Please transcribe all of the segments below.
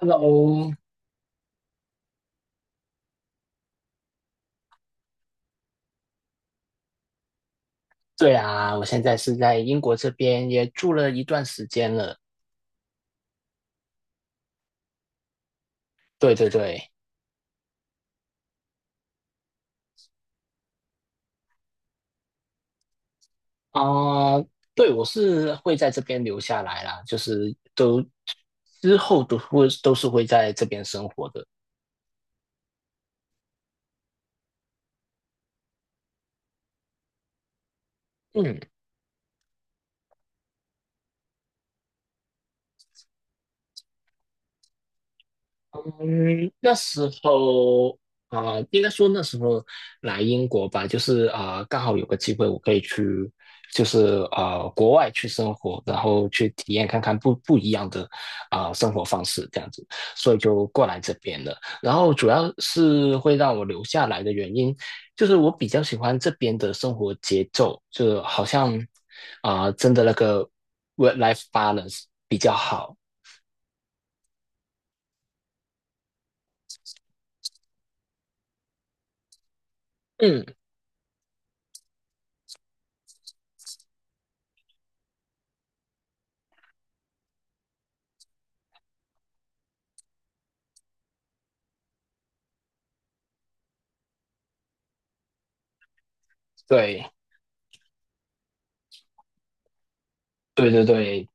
Hello，对啊，我现在是在英国这边，也住了一段时间了。对对对，啊、对，我是会在这边留下来啦，就是之后都是会在这边生活的。嗯，嗯，那时候啊、呃应该说那时候来英国吧，就是刚好有个机会，我可以去，就是国外去生活，然后去体验看看不一样的生活方式这样子，所以就过来这边了。然后主要是会让我留下来的原因，就是我比较喜欢这边的生活节奏，就好像真的那个 work-life balance 比较好。嗯，对，对对对。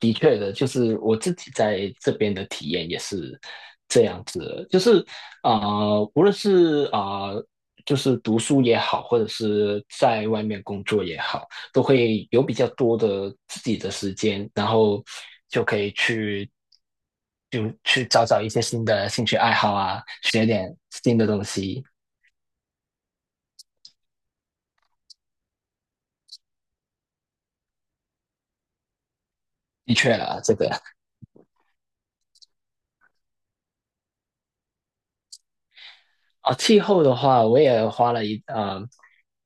的确的，就是我自己在这边的体验也是这样子的，就是啊、无论是就是读书也好，或者是在外面工作也好，都会有比较多的自己的时间，然后就可以去就去找找一些新的兴趣爱好啊，学点新的东西。的确啦，这个哦，气候的话，我也花了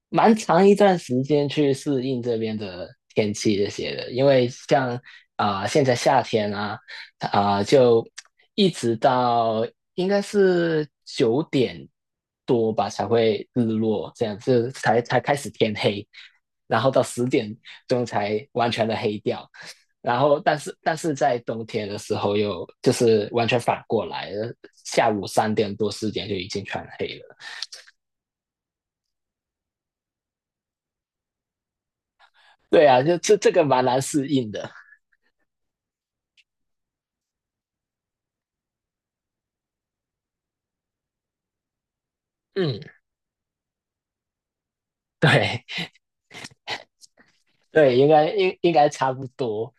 蛮长一段时间去适应这边的天气这些的，因为像现在夏天啊，就一直到应该是9点多吧才会日落，这样就才开始天黑，然后到10点钟才完全的黑掉，然后但是在冬天的时候又就是完全反过来，下午3点多4点就已经全黑了。对啊，就这个蛮难适应的。嗯，对 对，应该差不多。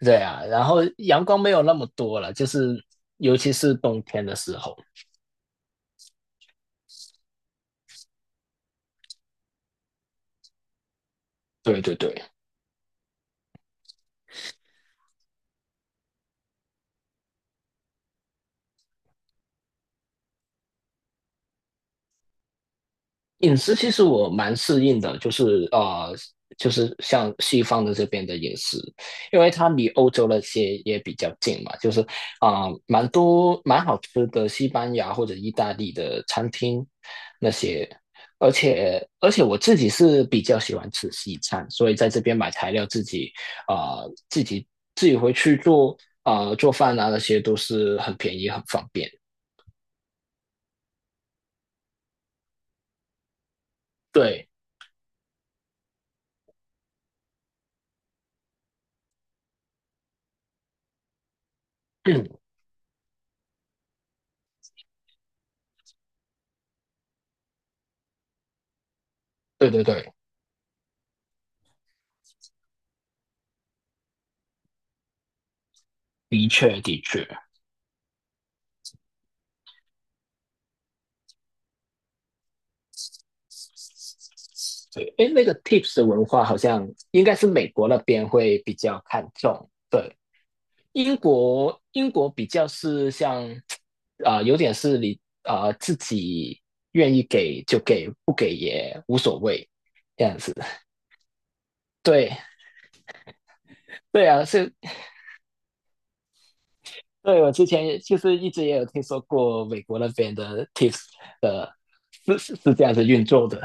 对啊，然后阳光没有那么多了，就是尤其是冬天的时候。对对对，饮食其实我蛮适应的，就是就是像西方的这边的饮食，因为它离欧洲那些也比较近嘛，就是蛮多蛮好吃的西班牙或者意大利的餐厅那些，而且我自己是比较喜欢吃西餐，所以在这边买材料啊、呃自己自己回去做做饭啊那些都是很便宜很方便，对，对对对，的确的确。对，哎，那个 tips 的文化好像应该是美国那边会比较看重，对，英国比较是像有点是你自己愿意给就给，不给也无所谓这样子。对，对啊，是，对我之前也就是一直也有听说过美国那边的 tips 的、是是是这样子运作的，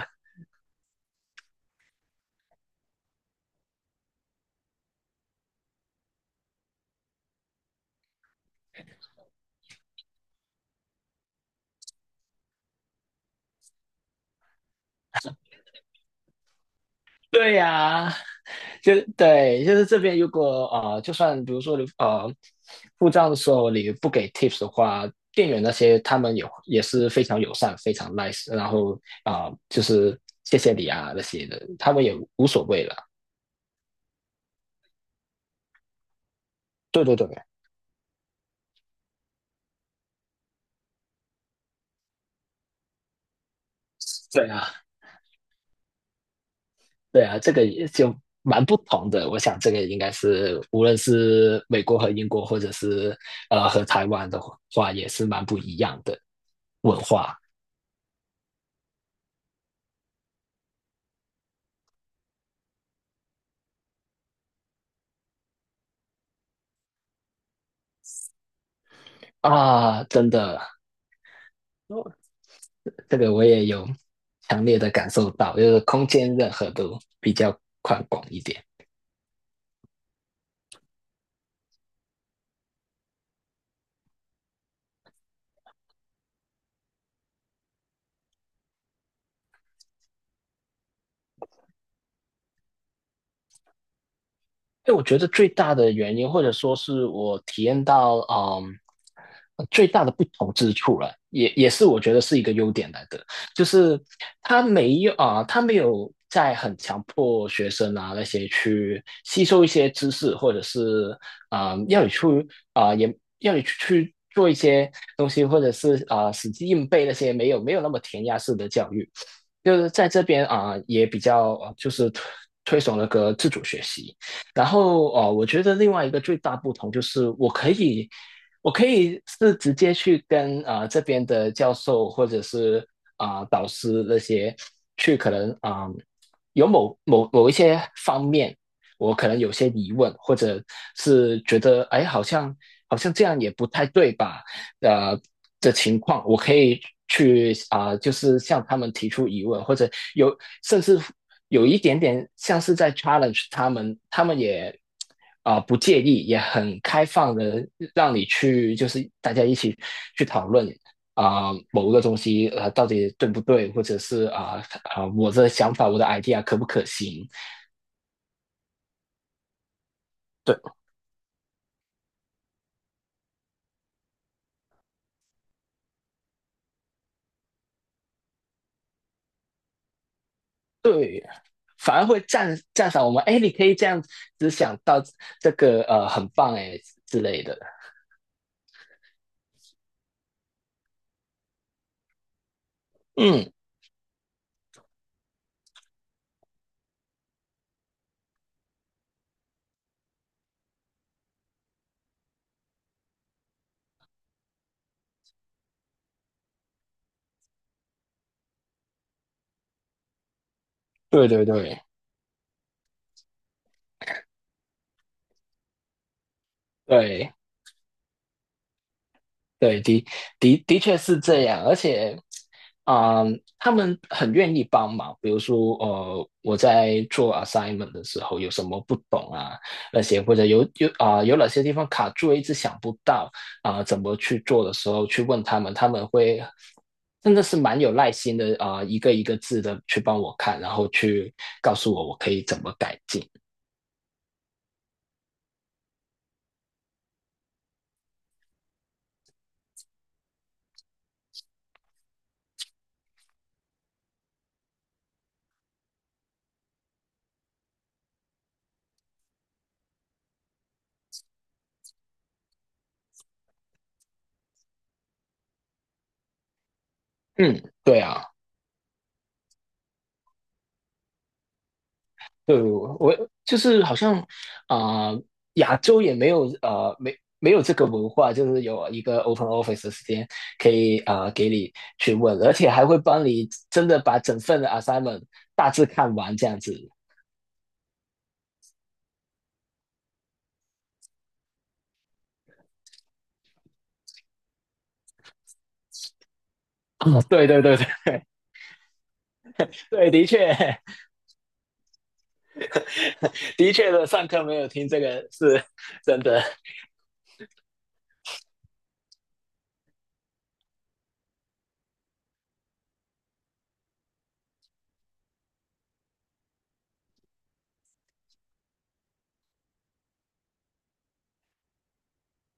对呀、就对，就是这边如果呃，就算比如说你付账的时候你不给 tips 的话，店员那些他们也是非常友善、非常 nice，然后就是谢谢你啊那些的，他们也无所谓了。对对对，对啊，对啊，这个也就蛮不同的。我想这个应该是无论是美国和英国，或者是和台湾的话，也是蛮不一样的文化啊，真的。这个我也有强烈的感受到，就是空间任何都比较宽广一点。因为我觉得最大的原因，或者说是我体验到，嗯，最大的不同之处了，也是我觉得是一个优点来的，就是他没有在很强迫学生啊那些去吸收一些知识，或者是要你去也要你去做一些东西，或者是死记硬背那些没有那么填鸭式的教育，就是在这边也比较就是推崇那个自主学习。然后哦，我觉得另外一个最大不同就是我可以是直接去跟这边的教授或者是导师那些去可能有某一些方面，我可能有些疑问，或者是觉得哎好像这样也不太对吧？呃的情况，我可以去就是向他们提出疑问，或者有甚至有一点点像是在 challenge 他们，他们也不介意，也很开放的让你去，就是大家一起去讨论某个东西到底对不对，或者是我的想法我的 idea 可不可行？对对，反而会赞赏我们，哎，你可以这样子想到这个很棒哎之类的。嗯，对对对对对，的确是这样，而且，嗯，他们很愿意帮忙。比如说，我在做 assignment 的时候有什么不懂啊，那些或者有哪些地方卡住，一直想不到怎么去做的时候，去问他们，他们会真的是蛮有耐心的一个一个字的去帮我看，然后去告诉我我可以怎么改进。嗯，对啊。对，我就是好像啊、呃亚洲也没有没有这个文化，就是有一个 open office 的时间可以给你去问，而且还会帮你真的把整份的 assignment 大致看完这样子。啊，对对对对 对，的确，的确的，上课没有听这个是真的。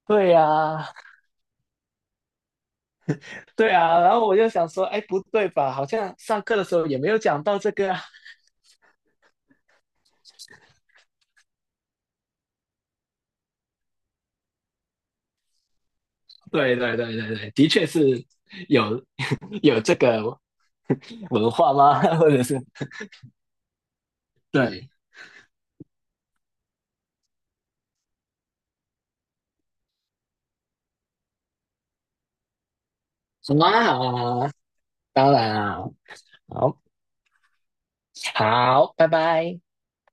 对呀、对呀，然后我就想说，哎，不对吧？好像上课的时候也没有讲到这个啊。对对对对对，的确是有 有这个文化吗？或者是对，好啊，好啊当然啊，好，好，拜拜。